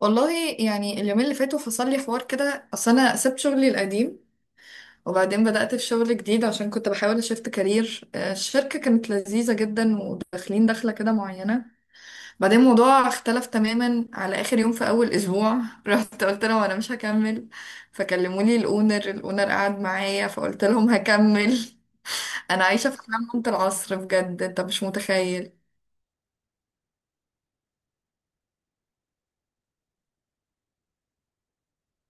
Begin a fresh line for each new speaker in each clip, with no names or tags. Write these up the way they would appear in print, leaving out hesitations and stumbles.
والله، يعني اليومين اللي فاتوا فصل لي حوار كده. اصل انا سبت شغلي القديم وبعدين بدأت في شغل جديد عشان كنت بحاول اشفت كارير. الشركة كانت لذيذة جدا وداخلين دخلة كده معينة. بعدين الموضوع اختلف تماما على اخر يوم في اول اسبوع. رحت قلت لهم انا مش هكمل، فكلموني. الاونر قعد معايا فقلت لهم هكمل. انا عايشة في حلم منت العصر، بجد انت مش متخيل.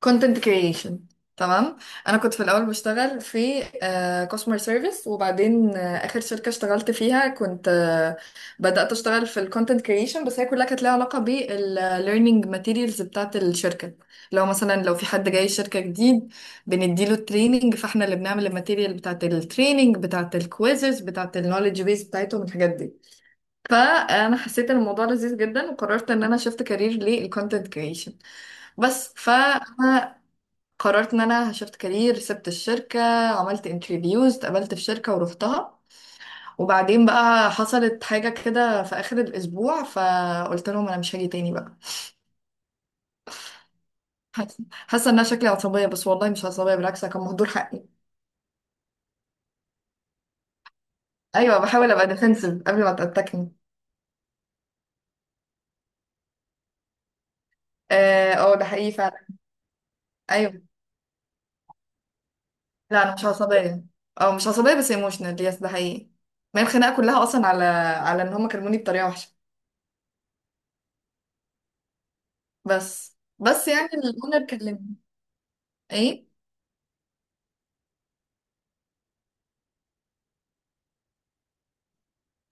كونتنت كرييشن. تمام. انا كنت في الاول بشتغل في كاستمر سيرفيس، وبعدين اخر شركه اشتغلت فيها كنت بدات اشتغل في الكونتنت كرييشن، بس هي كلها كانت ليها علاقه بالليرنينج ماتيريالز بتاعه الشركه. لو مثلا لو في حد جاي شركه جديد بنديله التريننج، فاحنا اللي بنعمل الماتيريال بتاعه التريننج، بتاعه الكويزز، بتاعه النولج بيس بتاعتهم، الحاجات دي. فانا حسيت ان الموضوع لذيذ جدا وقررت ان انا شفت كارير للكونتنت كرييشن. بس ف قررت ان انا شفت كارير، سبت الشركة، عملت انترفيوز، اتقبلت في شركة ورحتها، وبعدين بقى حصلت حاجة كده في اخر الاسبوع فقلت لهم انا مش هاجي تاني بقى. حاسة ان انا شكلي عصبية، بس والله مش عصبية، بالعكس أنا كان مهدور حقي. ايوه، بحاول ابقى ديفنسيف قبل ما تتكني. اه، ده حقيقي فعلا. ايوه. لا انا مش عصبية، او مش عصبية بس ايموشنال، يس ده حقيقي. ما هي الخناقة كلها اصلا على ان هم كلموني بطريقة وحشة. بس يعني الاونر كلمني. ايه،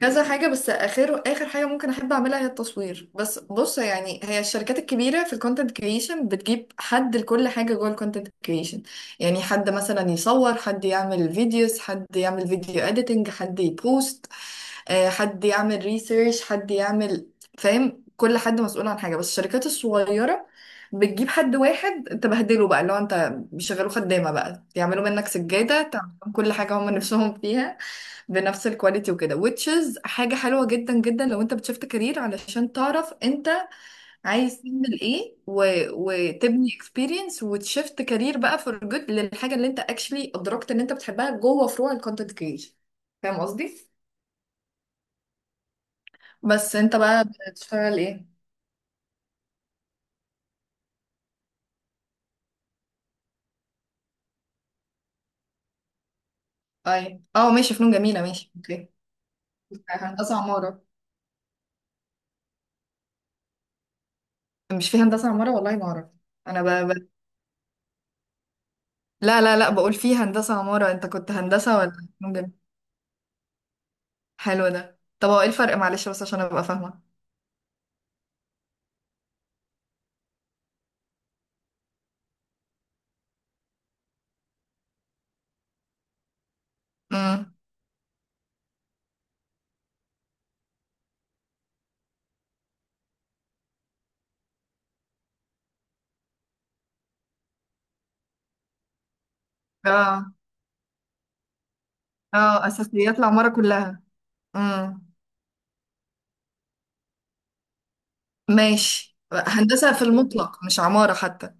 كذا حاجة، بس آخر آخر حاجة ممكن أحب أعملها هي التصوير. بس بص، يعني هي الشركات الكبيرة في الكونتنت كريشن بتجيب حد لكل حاجة جوه الكونتنت كريشن. يعني حد مثلا يصور، حد يعمل فيديوز، حد يعمل فيديو اديتنج، حد يبوست، حد يعمل ريسيرش، حد يعمل. فاهم، كل حد مسؤول عن حاجة. بس الشركات الصغيرة بتجيب حد واحد تبهدله بقى، اللي هو انت بيشغلوه خدامة بقى، يعملوا منك سجادة، تعمل لهم كل حاجة هم نفسهم فيها بنفس الكواليتي وكده، which is حاجة حلوة جدا جدا لو انت بتشفت كارير، علشان تعرف انت عايز تعمل ايه وتبني experience وتشفت كارير بقى for good للحاجة اللي انت actually ادركت ان انت بتحبها جوه فروع الكونتنت creation. فاهم قصدي؟ بس انت بقى بتشتغل ايه؟ اي اه، ماشي، فنون جميلة، ماشي، اوكي. هندسة عمارة؟ مش في هندسة عمارة؟ والله ما اعرف. انا ب... ب... لا لا لا، بقول في هندسة عمارة. انت كنت هندسة ولا فنون جميلة؟ حلو ده. طب هو ايه الفرق؟ معلش بس عشان ابقى فاهمة. امم. اه اه، اساسيات العمارة كلها. امم. ماشي، هندسة في المطلق مش عمارة حتى.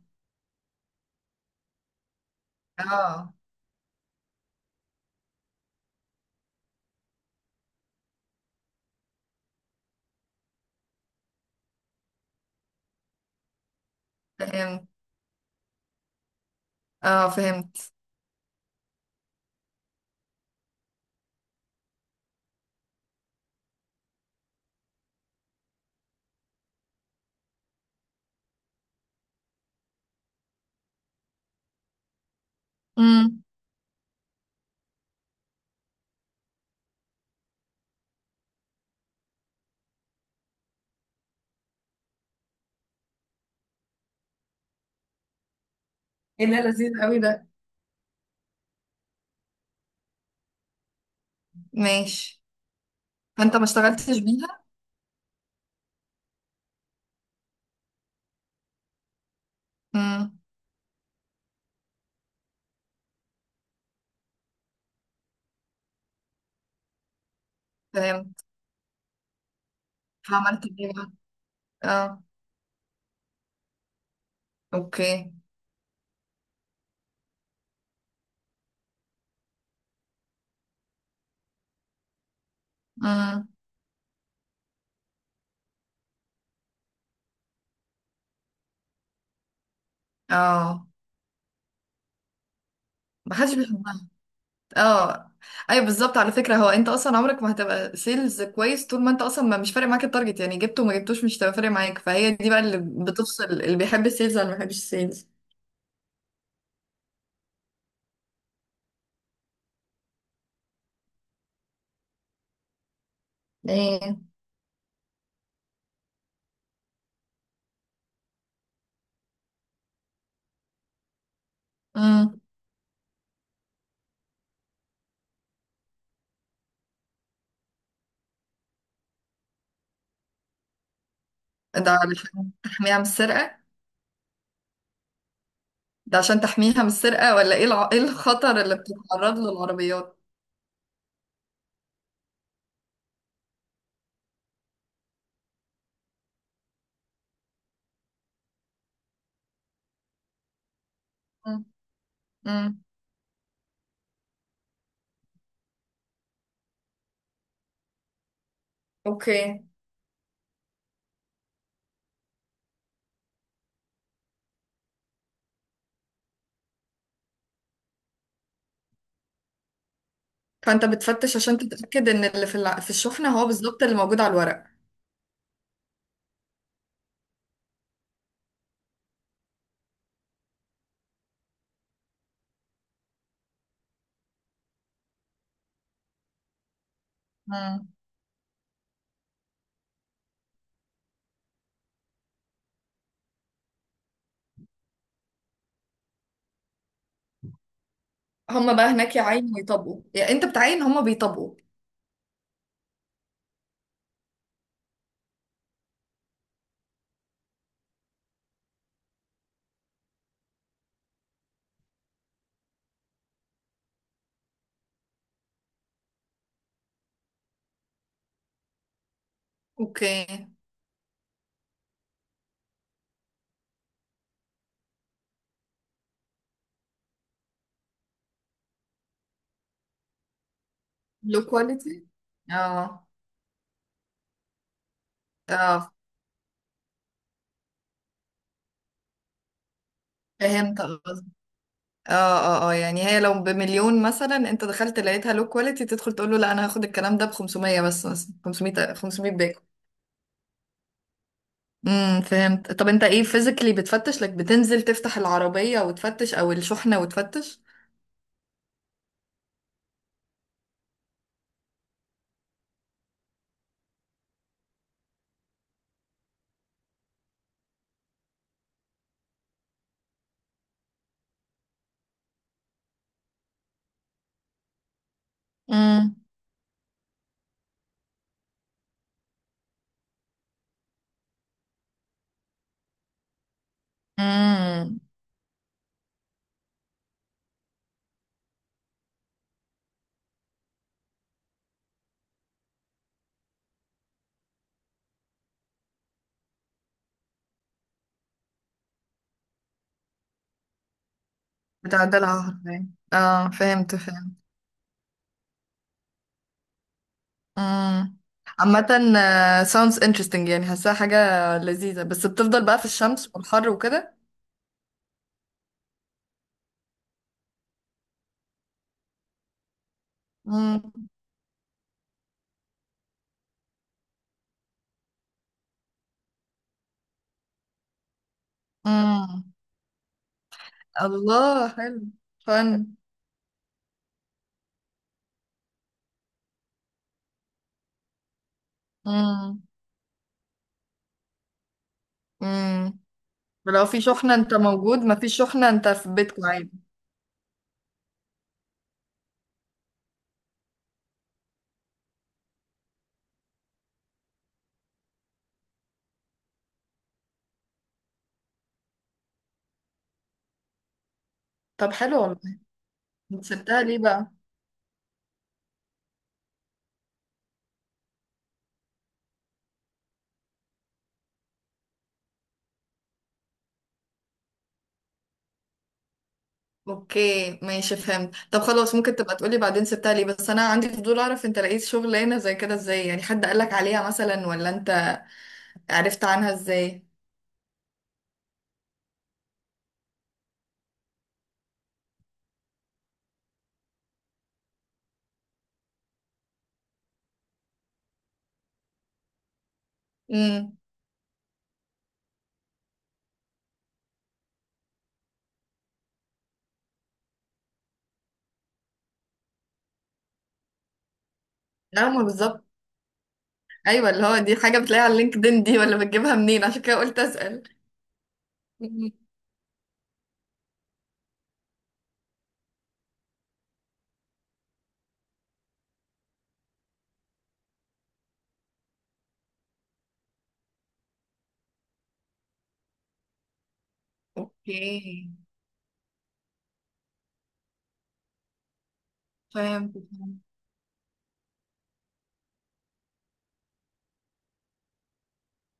اه فهمت. اه فهمت. امم. ايه ده، لذيذ قوي ده. ماشي. فانت ما اشتغلتش بيها؟ امم، فهمت. فعملت بيها؟ اه، اوكي. امم. اه، ما حدش بيحبها. اه. ايوه بالظبط، على فكره. هو انت اصلا عمرك ما هتبقى سيلز كويس طول ما انت اصلا ما مش فارق معاك التارجت، يعني جبته وما جبتوش مش هتبقى فارق معاك، فهي دي بقى اللي بتفصل اللي بيحب السيلز ولا ما بيحبش السيلز. ايه. امم. ده علشان تحميها من السرقه؟ ده عشان تحميها من السرقه ولا ايه ايه الخطر اللي بتتعرض له العربيات؟ امم. أمم. اوكي. فانت بتفتش عشان تتاكد ان اللي في في الشحنه هو بالظبط اللي موجود على الورق. امم. هما بقى هناك يعاينوا ويطبقوا، يعني انت بتعاين هما بيطبقوا. اوكي. لو كواليتي. اه اه، فهمت قصدك. اه اه اه، يعني هي لو بمليون مثلا انت دخلت لقيتها لو كواليتي، تدخل تقول له لا انا هاخد الكلام ده ب 500، بس مثلا 500، 500 باكو. امم، فهمت. طب انت ايه فيزيكلي بتفتش لك؟ بتنزل تفتح العربية وتفتش او الشحنة وتفتش؟ امم. امم. بتاع ده العهر يعني. اه فهمت فهمت. امم. عامة، sounds interesting، يعني حاساها حاجة لذيذة، بس بتفضل بقى في الشمس والحر وكده. امم. الله، حلو. فن. امم. امم. لو في شحنة انت موجود، ما فيش شحنة انت في بيتكم عادي. طب حلو والله. انت سبتها ليه بقى؟ اوكي ماشي فهمت. طب خلاص ممكن تبقى تقولي بعدين سبتها ليه، بس انا عندي فضول اعرف انت لقيت شغلانة زي كده ازاي، يعني حد قالك عليها مثلا، ولا انت عرفت عنها ازاي؟ امم. لا، ما بالظبط. ايوه، اللي هو دي حاجة بتلاقيها على اللينكدين دي ولا بتجيبها منين، عشان كده قلت اسأل. مم. اوكي فهمت.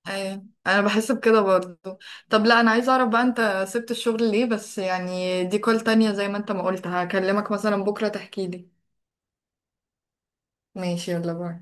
ايوه انا بحس بكده برضو. طب لا انا عايزه اعرف بقى انت سبت الشغل ليه، بس يعني دي كول تانية، زي ما انت ما قلت هكلمك مثلا بكره تحكي لي. ماشي، يلا باي.